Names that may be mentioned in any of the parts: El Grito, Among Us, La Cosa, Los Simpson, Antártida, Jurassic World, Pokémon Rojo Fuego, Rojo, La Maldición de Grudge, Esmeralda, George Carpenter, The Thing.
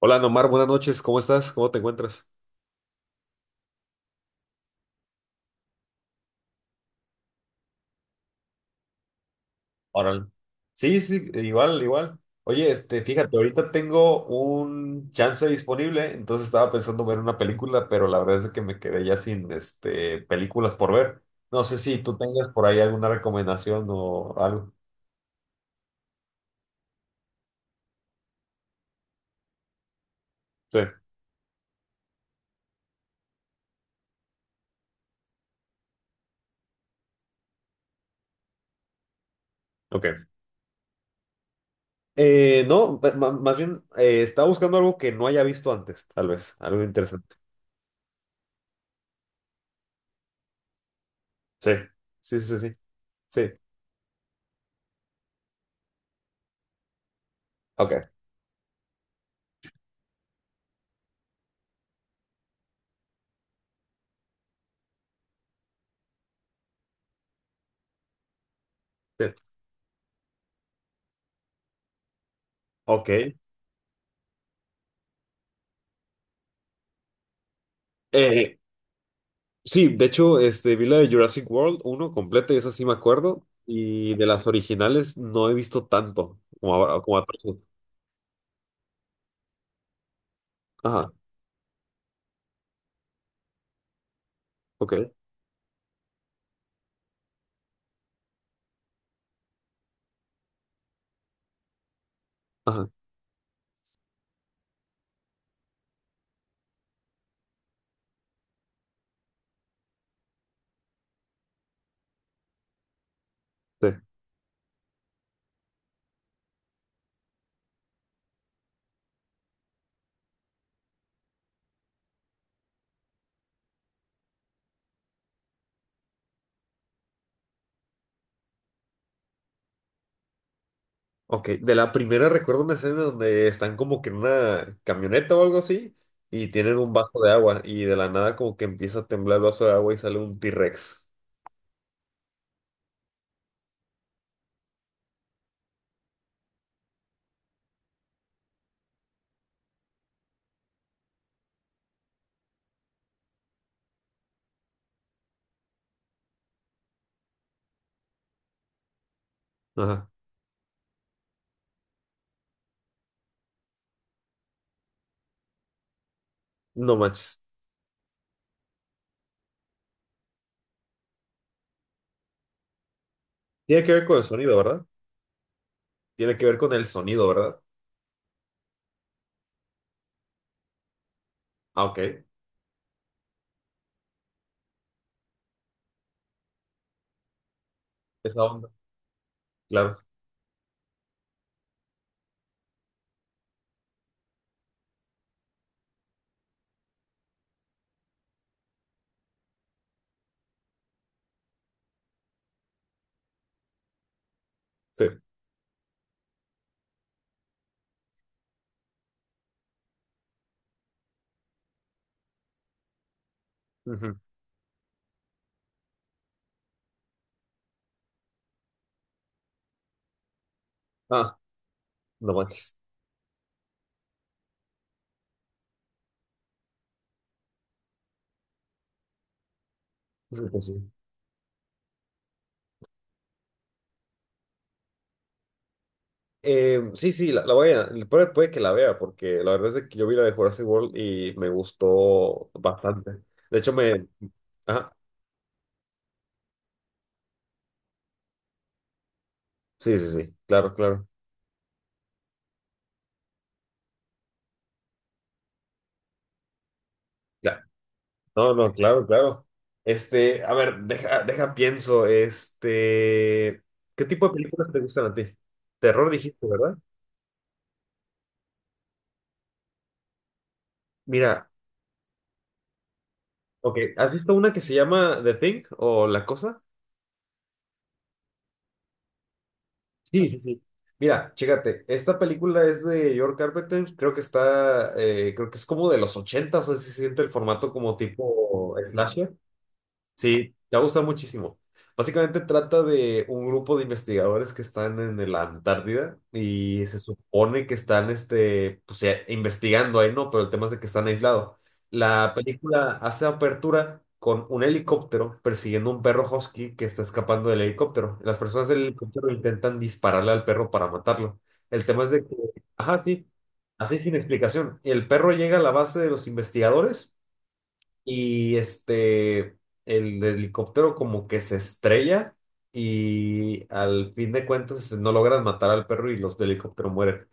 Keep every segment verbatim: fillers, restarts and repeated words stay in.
Hola, Nomar, buenas noches. ¿Cómo estás? ¿Cómo te encuentras? Órale. Sí, sí, igual, igual. Oye, este, fíjate, ahorita tengo un chance disponible, entonces estaba pensando ver una película, pero la verdad es que me quedé ya sin, este, películas por ver. No sé si tú tengas por ahí alguna recomendación o algo. Sí, ok. Eh, no, ma- ma- más bien eh, estaba buscando algo que no haya visto antes, tal vez, algo interesante. Sí, sí, sí, sí, sí. Ok. Sí. Ok. Eh, Sí, de hecho, este, vi la de Jurassic World uno completa y esa sí me acuerdo. Y de las originales no he visto tanto como, ahora- como a otros. Ajá, ok, ajá, sí. Ok, de la primera recuerdo una escena donde están como que en una camioneta o algo así y tienen un vaso de agua y de la nada como que empieza a temblar el vaso de agua y sale un T-Rex. Ajá, no manches. Tiene que ver con el sonido, ¿verdad? Tiene que ver con el sonido, ¿verdad? Ah, ok, esa onda, claro, sí. Ujú. Ah, no manches. Sí, pues sí. Eh, sí, sí, la, la voy a, puede, puede que la vea, porque la verdad es de que yo vi la de Jurassic World y me gustó bastante. De hecho, me... Ajá, sí, sí, sí, claro, claro. Ya. No, no, claro, claro. Este, a ver, deja, deja, pienso, este, ¿qué tipo de películas te gustan a ti? Terror dijiste, ¿verdad? Mira, ok, ¿has visto una que se llama The Thing o La Cosa? Sí, sí, sí. Mira, chécate, esta película es de George Carpenter, creo que está, eh, creo que es como de los ochenta, o sea, se siente el formato como tipo slasher. Sí, te va a gustar muchísimo. Básicamente trata de un grupo de investigadores que están en la Antártida y se supone que están este, pues, eh, investigando ahí, ¿no? Pero el tema es de que están aislados. La película hace apertura con un helicóptero persiguiendo un perro husky que está escapando del helicóptero. Las personas del helicóptero intentan dispararle al perro para matarlo. El tema es de que, ajá, sí, así sin explicación. El perro llega a la base de los investigadores y este, el helicóptero como que se estrella y al fin de cuentas este, no logran matar al perro y los del helicóptero mueren.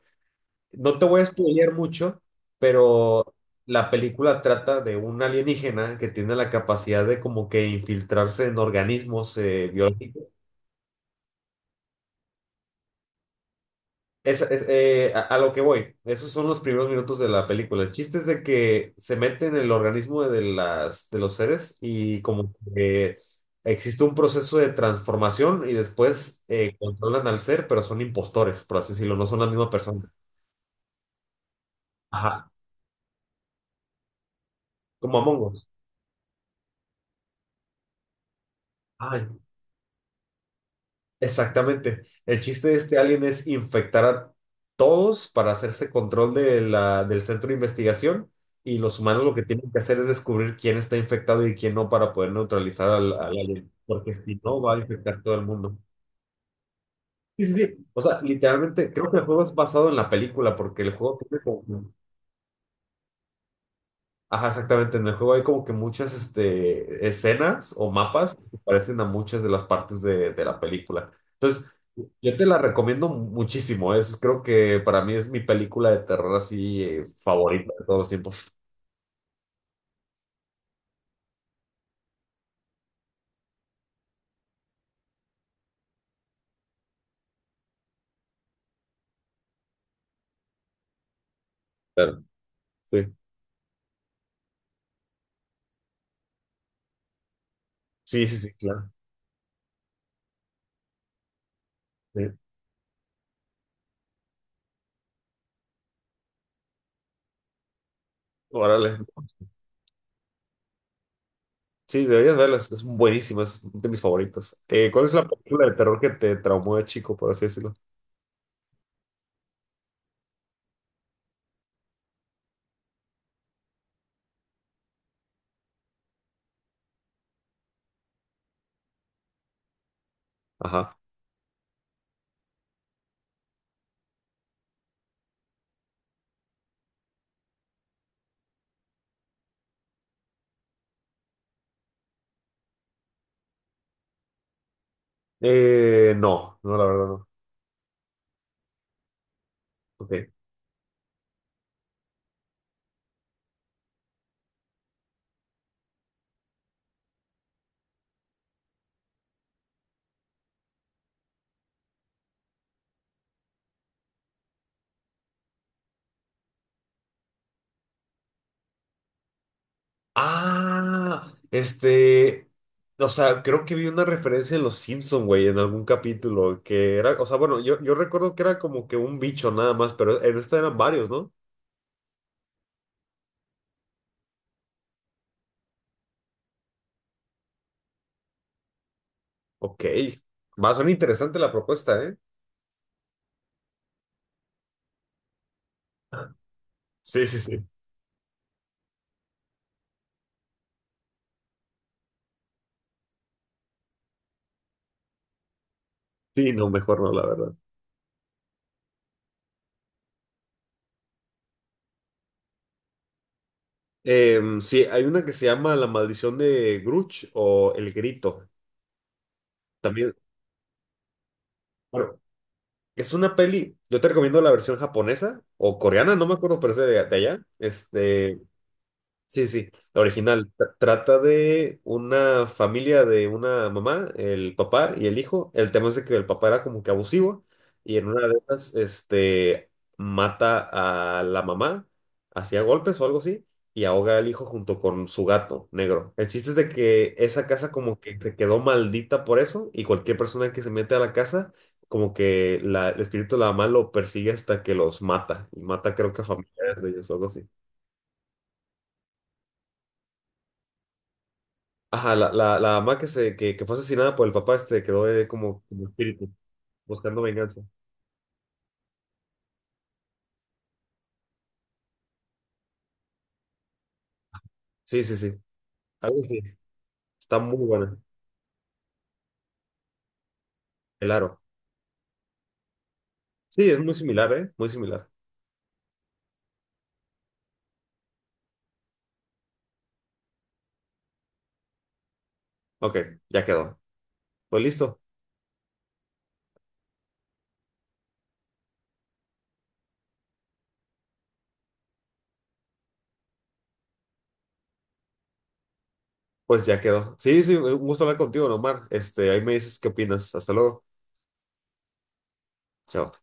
No te voy a spoilear mucho, pero la película trata de un alienígena que tiene la capacidad de como que infiltrarse en organismos eh, biológicos. Es, es, eh, a, a lo que voy, esos son los primeros minutos de la película. El chiste es de que se mete en el organismo de las, de los seres y como que existe un proceso de transformación y después eh, controlan al ser, pero son impostores, por así decirlo, no son la misma persona. Ajá. Como Among Us. Ah, exactamente. El chiste de este alien es infectar a todos para hacerse control de la, del centro de investigación y los humanos lo que tienen que hacer es descubrir quién está infectado y quién no para poder neutralizar al, al alien, porque si no va a infectar todo el mundo. Sí, sí, sí. O sea, literalmente creo que el juego es basado en la película porque el juego tiene como... Ajá, exactamente. En el juego hay como que muchas este, escenas o mapas que parecen a muchas de las partes de, de la película. Entonces, yo te la recomiendo muchísimo. Es, creo que para mí es mi película de terror así eh, favorita de todos los tiempos. Claro, sí. Sí, sí, sí, claro. Sí. Órale. Sí, deberías verla. Es es buenísima, es de mis favoritas. Eh, ¿cuál es la película de terror que te traumó de chico, por así decirlo? Ajá. Eh, no, no, la verdad no. Ok. Ah, este, o sea, creo que vi una referencia de Los Simpson, güey, en algún capítulo, que era, o sea, bueno, yo, yo recuerdo que era como que un bicho nada más, pero en esta eran varios, ¿no? Ok, va, suena interesante la propuesta, ¿eh? Sí, sí, sí. Sí, no, mejor no, la verdad. Em, sí, hay una que se llama La Maldición de Grudge o El Grito. También, bueno, es una peli, yo te recomiendo la versión japonesa o coreana, no me acuerdo, pero es de, de allá. Este, sí, sí, la original. Tra- Trata de una familia de una mamá, el papá y el hijo. El tema es de que el papá era como que abusivo y en una de esas, este, mata a la mamá, hacía golpes o algo así, y ahoga al hijo junto con su gato negro. El chiste es de que esa casa como que se quedó maldita por eso y cualquier persona que se mete a la casa, como que la- el espíritu de la mamá lo persigue hasta que los mata. Y mata creo que a familiares de ellos o algo así. Ajá, la, la, la mamá que, se, que, que fue asesinada por el papá este quedó eh, como, como espíritu, buscando venganza. Sí, sí, sí. Algo así. Está muy buena. El aro. Sí, es muy similar, ¿eh? Muy similar. Ok, ya quedó. Pues listo. Pues ya quedó. Sí, sí, un gusto hablar contigo, Omar. Este, ahí me dices qué opinas. Hasta luego. Chao.